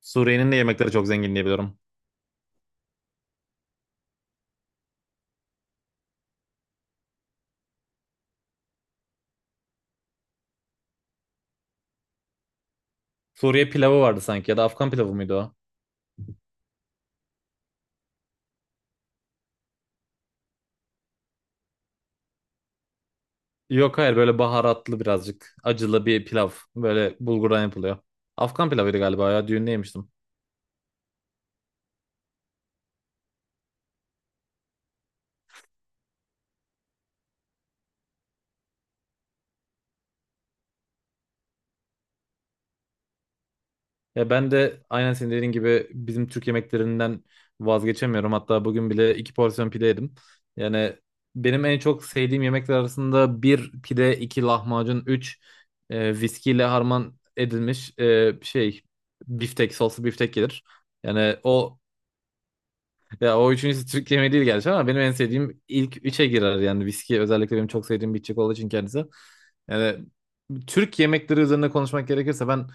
Suriye'nin de yemekleri çok zengin diye biliyorum. Suriye pilavı vardı sanki ya da Afgan pilavı mıydı o? Yok, hayır, böyle baharatlı, birazcık acılı bir pilav. Böyle bulgurdan yapılıyor. Afgan pilavıydı galiba ya, düğünde yemiştim. Ya ben de aynen senin dediğin gibi bizim Türk yemeklerinden vazgeçemiyorum. Hatta bugün bile iki porsiyon pide yedim. Yani benim en çok sevdiğim yemekler arasında bir pide, iki lahmacun, üç, viskiyle harman edilmiş, biftek, soslu biftek gelir. Yani o Ya o üçüncüsü Türk yemeği değil gerçi ama benim en sevdiğim ilk üçe girer yani. Viski özellikle benim çok sevdiğim bir içecek olduğu için kendisi. Yani Türk yemekleri üzerine konuşmak gerekirse ben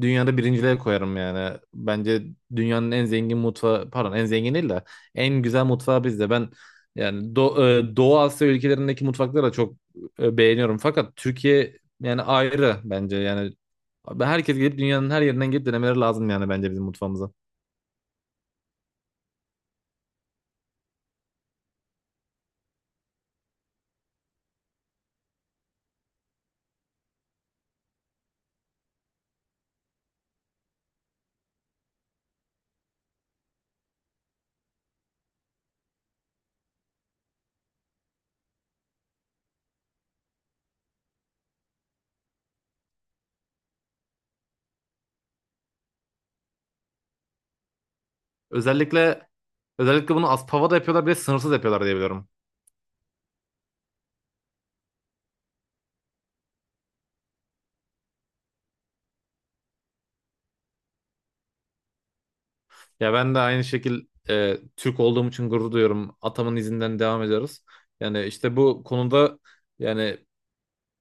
dünyada birinciliğe koyarım yani. Bence dünyanın en zengin mutfağı, pardon, en zengin değil de en güzel mutfağı bizde. Ben yani Doğu Asya ülkelerindeki mutfakları da çok beğeniyorum. Fakat Türkiye yani ayrı bence. Yani herkes gelip, dünyanın her yerinden gelip denemeleri lazım yani bence bizim mutfağımıza. Özellikle özellikle bunu Aspava'da yapıyorlar, bir de sınırsız yapıyorlar diye biliyorum. Ya ben de aynı şekil Türk olduğum için gurur duyuyorum. Atamın izinden devam ediyoruz. Yani işte bu konuda, yani,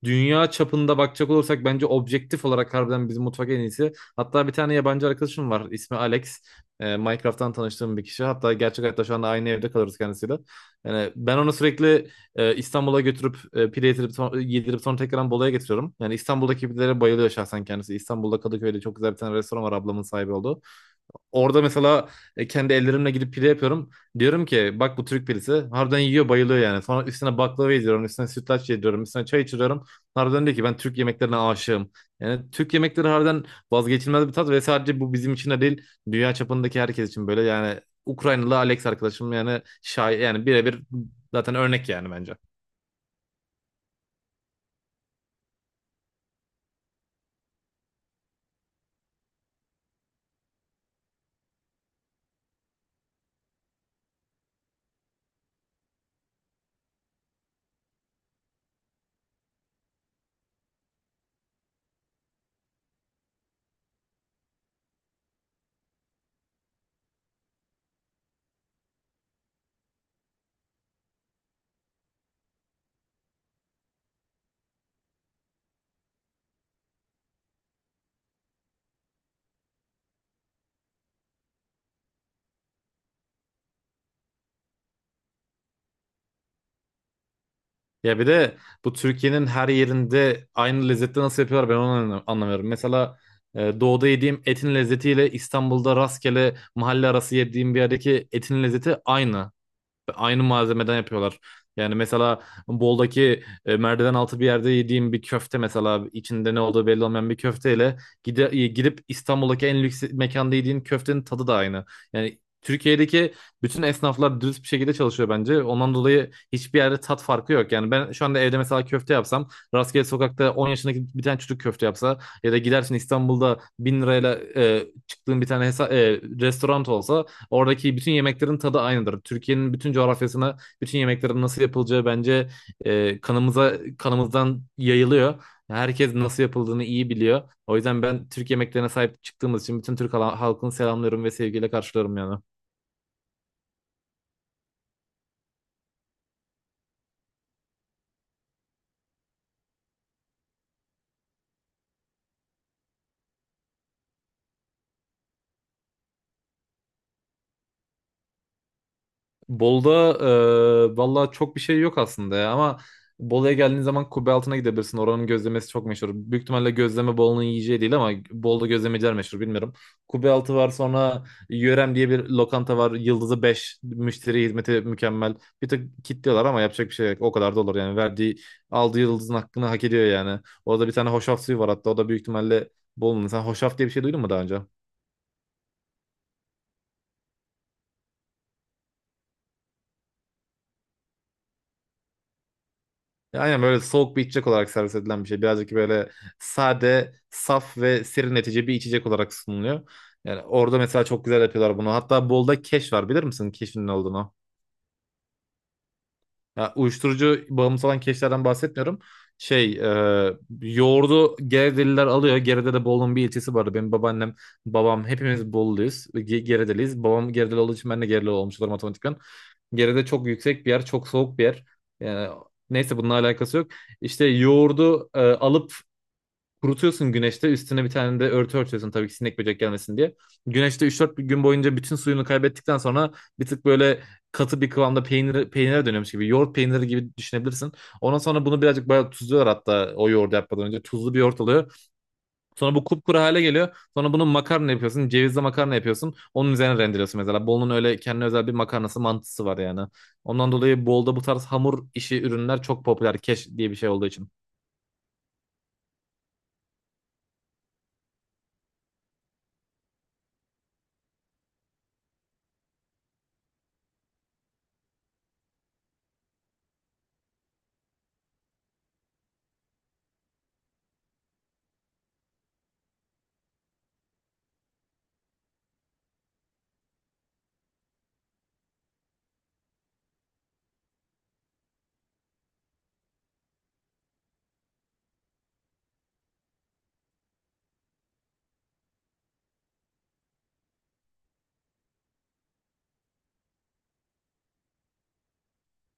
dünya çapında bakacak olursak bence objektif olarak harbiden bizim mutfak en iyisi. Hatta bir tane yabancı arkadaşım var. İsmi Alex. Minecraft'tan tanıştığım bir kişi. Hatta gerçek hayatta şu anda aynı evde kalırız kendisiyle. Yani ben onu sürekli İstanbul'a götürüp pide yedirip, yedirip sonra tekrar Bolu'ya getiriyorum. Yani İstanbul'daki pidelere bayılıyor şahsen kendisi. İstanbul'da Kadıköy'de çok güzel bir tane restoran var, ablamın sahibi olduğu. Orada mesela kendi ellerimle gidip pide yapıyorum. Diyorum ki bak, bu Türk pidesi. Harbiden yiyor, bayılıyor yani. Sonra üstüne baklava yediriyorum. Üstüne sütlaç yediriyorum. Üstüne çay içiriyorum. Harbiden diyor ki ben Türk yemeklerine aşığım. Yani Türk yemekleri harbiden vazgeçilmez bir tat ve sadece bu bizim için de değil. Dünya çapındaki herkes için böyle. Yani Ukraynalı Alex arkadaşım yani şay yani birebir zaten örnek yani bence. Ya bir de bu Türkiye'nin her yerinde aynı lezzette nasıl yapıyorlar, ben onu anlamıyorum. Mesela doğuda yediğim etin lezzetiyle İstanbul'da rastgele mahalle arası yediğim bir yerdeki etin lezzeti aynı. Aynı malzemeden yapıyorlar. Yani mesela Bol'daki merdiven altı bir yerde yediğim bir köfte, mesela içinde ne olduğu belli olmayan bir köfteyle gidip İstanbul'daki en lüks mekanda yediğin köftenin tadı da aynı. Yani Türkiye'deki bütün esnaflar dürüst bir şekilde çalışıyor bence. Ondan dolayı hiçbir yerde tat farkı yok. Yani ben şu anda evde mesela köfte yapsam, rastgele sokakta 10 yaşındaki bir tane çocuk köfte yapsa ya da gidersin İstanbul'da 1000 lirayla çıktığın bir tane restoran olsa, oradaki bütün yemeklerin tadı aynıdır. Türkiye'nin bütün coğrafyasına bütün yemeklerin nasıl yapılacağı bence kanımıza, kanımızdan yayılıyor. Herkes nasıl yapıldığını iyi biliyor. O yüzden ben Türk yemeklerine sahip çıktığımız için bütün Türk halkını selamlıyorum ve sevgiyle karşılıyorum yani. Bol'da valla çok bir şey yok aslında ya, ama Bolu'ya geldiğin zaman Kubbe Altı'na gidebilirsin. Oranın gözlemesi çok meşhur. Büyük ihtimalle gözleme Bolu'nun yiyeceği değil ama Bolu'da gözlemeciler meşhur, bilmiyorum. Kubbe Altı var, sonra Yörem diye bir lokanta var. Yıldızı beş, müşteri hizmeti mükemmel. Bir tık kitliyorlar ama yapacak bir şey yok. O kadar da olur yani. Verdiği, aldığı yıldızın hakkını hak ediyor yani. Orada bir tane hoşaf suyu var, hatta o da büyük ihtimalle Bolu'nun. Sen hoşaf diye bir şey duydun mu daha önce? Aynen, böyle soğuk bir içecek olarak servis edilen bir şey. Birazcık böyle sade, saf ve serinletici bir içecek olarak sunuluyor. Yani orada mesela çok güzel yapıyorlar bunu. Hatta Bolda keş var, bilir misin keşin ne olduğunu? Ya, uyuşturucu bağımlısı olan keşlerden bahsetmiyorum. Şey, e, Yoğurdu Geredeliler alıyor. Gerede'de Bolu'nun bir ilçesi vardı. Benim babaannem, babam hepimiz Bolulu'yuz. Geredeliyiz. Babam Geredeli olduğu için ben de Geredeli olmuş olurum otomatikman. Gerede çok yüksek bir yer, çok soğuk bir yer. Yani, neyse, bununla alakası yok. İşte yoğurdu alıp kurutuyorsun güneşte, üstüne bir tane de örtü örtüyorsun tabii ki, sinek böcek gelmesin diye. Güneşte üç 4 gün boyunca bütün suyunu kaybettikten sonra bir tık böyle katı bir kıvamda peynire dönüyormuş gibi. Yoğurt peyniri gibi düşünebilirsin. Ondan sonra bunu birazcık bayağı tuzluyorlar, hatta o yoğurdu yapmadan önce. Tuzlu bir yoğurt oluyor. Sonra bu kupkuru hale geliyor. Sonra bunu makarna yapıyorsun. Cevizli makarna yapıyorsun. Onun üzerine rendeliyorsun mesela. Bolu'nun öyle kendine özel bir makarnası, mantısı var yani. Ondan dolayı Bolu'da bu tarz hamur işi ürünler çok popüler, keş diye bir şey olduğu için.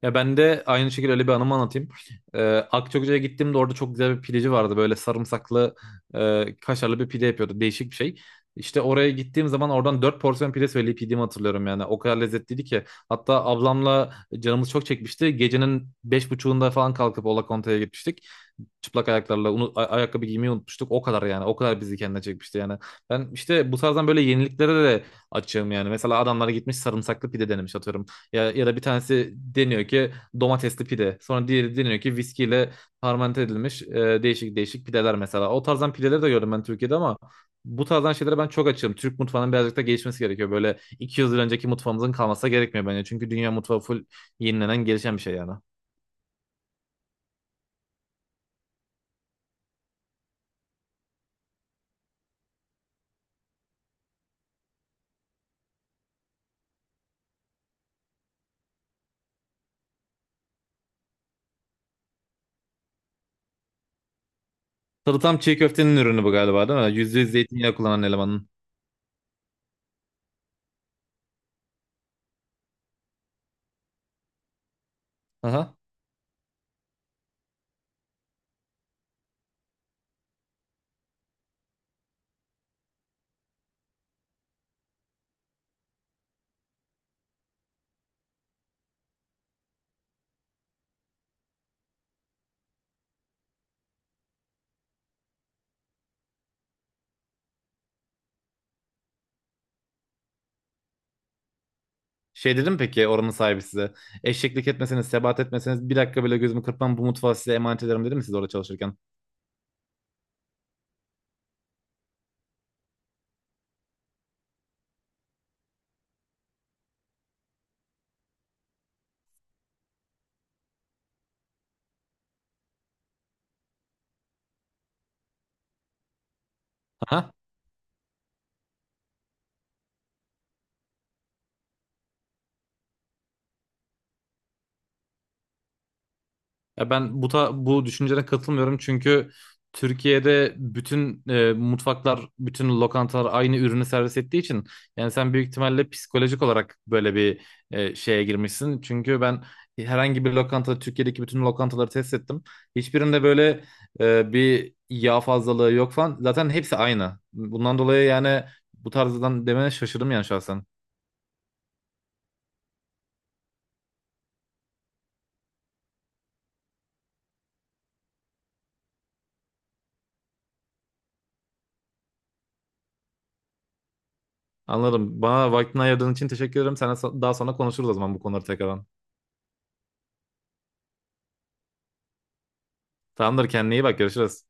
Ya ben de aynı şekilde öyle bir anımı anlatayım. Ee, Akçakoca'ya gittiğimde orada çok güzel bir pideci vardı. Böyle sarımsaklı, kaşarlı bir pide yapıyordu. Değişik bir şey. İşte oraya gittiğim zaman oradan 4 porsiyon pide söyleyip yediğimi hatırlıyorum yani. O kadar lezzetliydi ki. Hatta ablamla canımız çok çekmişti. Gecenin 5.30'unda falan kalkıp Ola Conta'ya gitmiştik, çıplak ayaklarla, ayakkabı giymeyi unutmuştuk. O kadar yani. O kadar bizi kendine çekmişti yani. Ben işte bu tarzdan böyle yeniliklere de açığım yani. Mesela adamlara gitmiş sarımsaklı pide denemiş atıyorum. Ya, ya da bir tanesi deniyor ki domatesli pide. Sonra diğeri deniyor ki viskiyle fermente edilmiş, değişik değişik pideler mesela. O tarzdan pideleri de gördüm ben Türkiye'de ama bu tarzdan şeylere ben çok açığım. Türk mutfağının birazcık da gelişmesi gerekiyor. Böyle 200 yıl önceki mutfağımızın kalması gerekmiyor bence. Çünkü dünya mutfağı full yenilenen, gelişen bir şey yani. Salatam çiğ köftenin ürünü bu galiba, değil mi? %100 zeytinyağı kullanan elemanın. Aha. Şey dedim, peki oranın sahibi size, eşeklik etmeseniz, sebat etmeseniz bir dakika bile gözümü kırpmam, bu mutfağı size emanet ederim dedim mi siz orada çalışırken? Aha. Ya ben bu bu düşüncene katılmıyorum çünkü Türkiye'de bütün mutfaklar, bütün lokantalar aynı ürünü servis ettiği için, yani sen büyük ihtimalle psikolojik olarak böyle bir şeye girmişsin. Çünkü ben herhangi bir lokanta, Türkiye'deki bütün lokantaları test ettim. Hiçbirinde böyle bir yağ fazlalığı yok falan. Zaten hepsi aynı. Bundan dolayı yani bu tarzdan demene şaşırdım yani şahsen. Anladım. Bana vaktini ayırdığın için teşekkür ederim. Sana daha sonra konuşuruz o zaman bu konuları tekrardan. Tamamdır, kendine iyi bak, görüşürüz.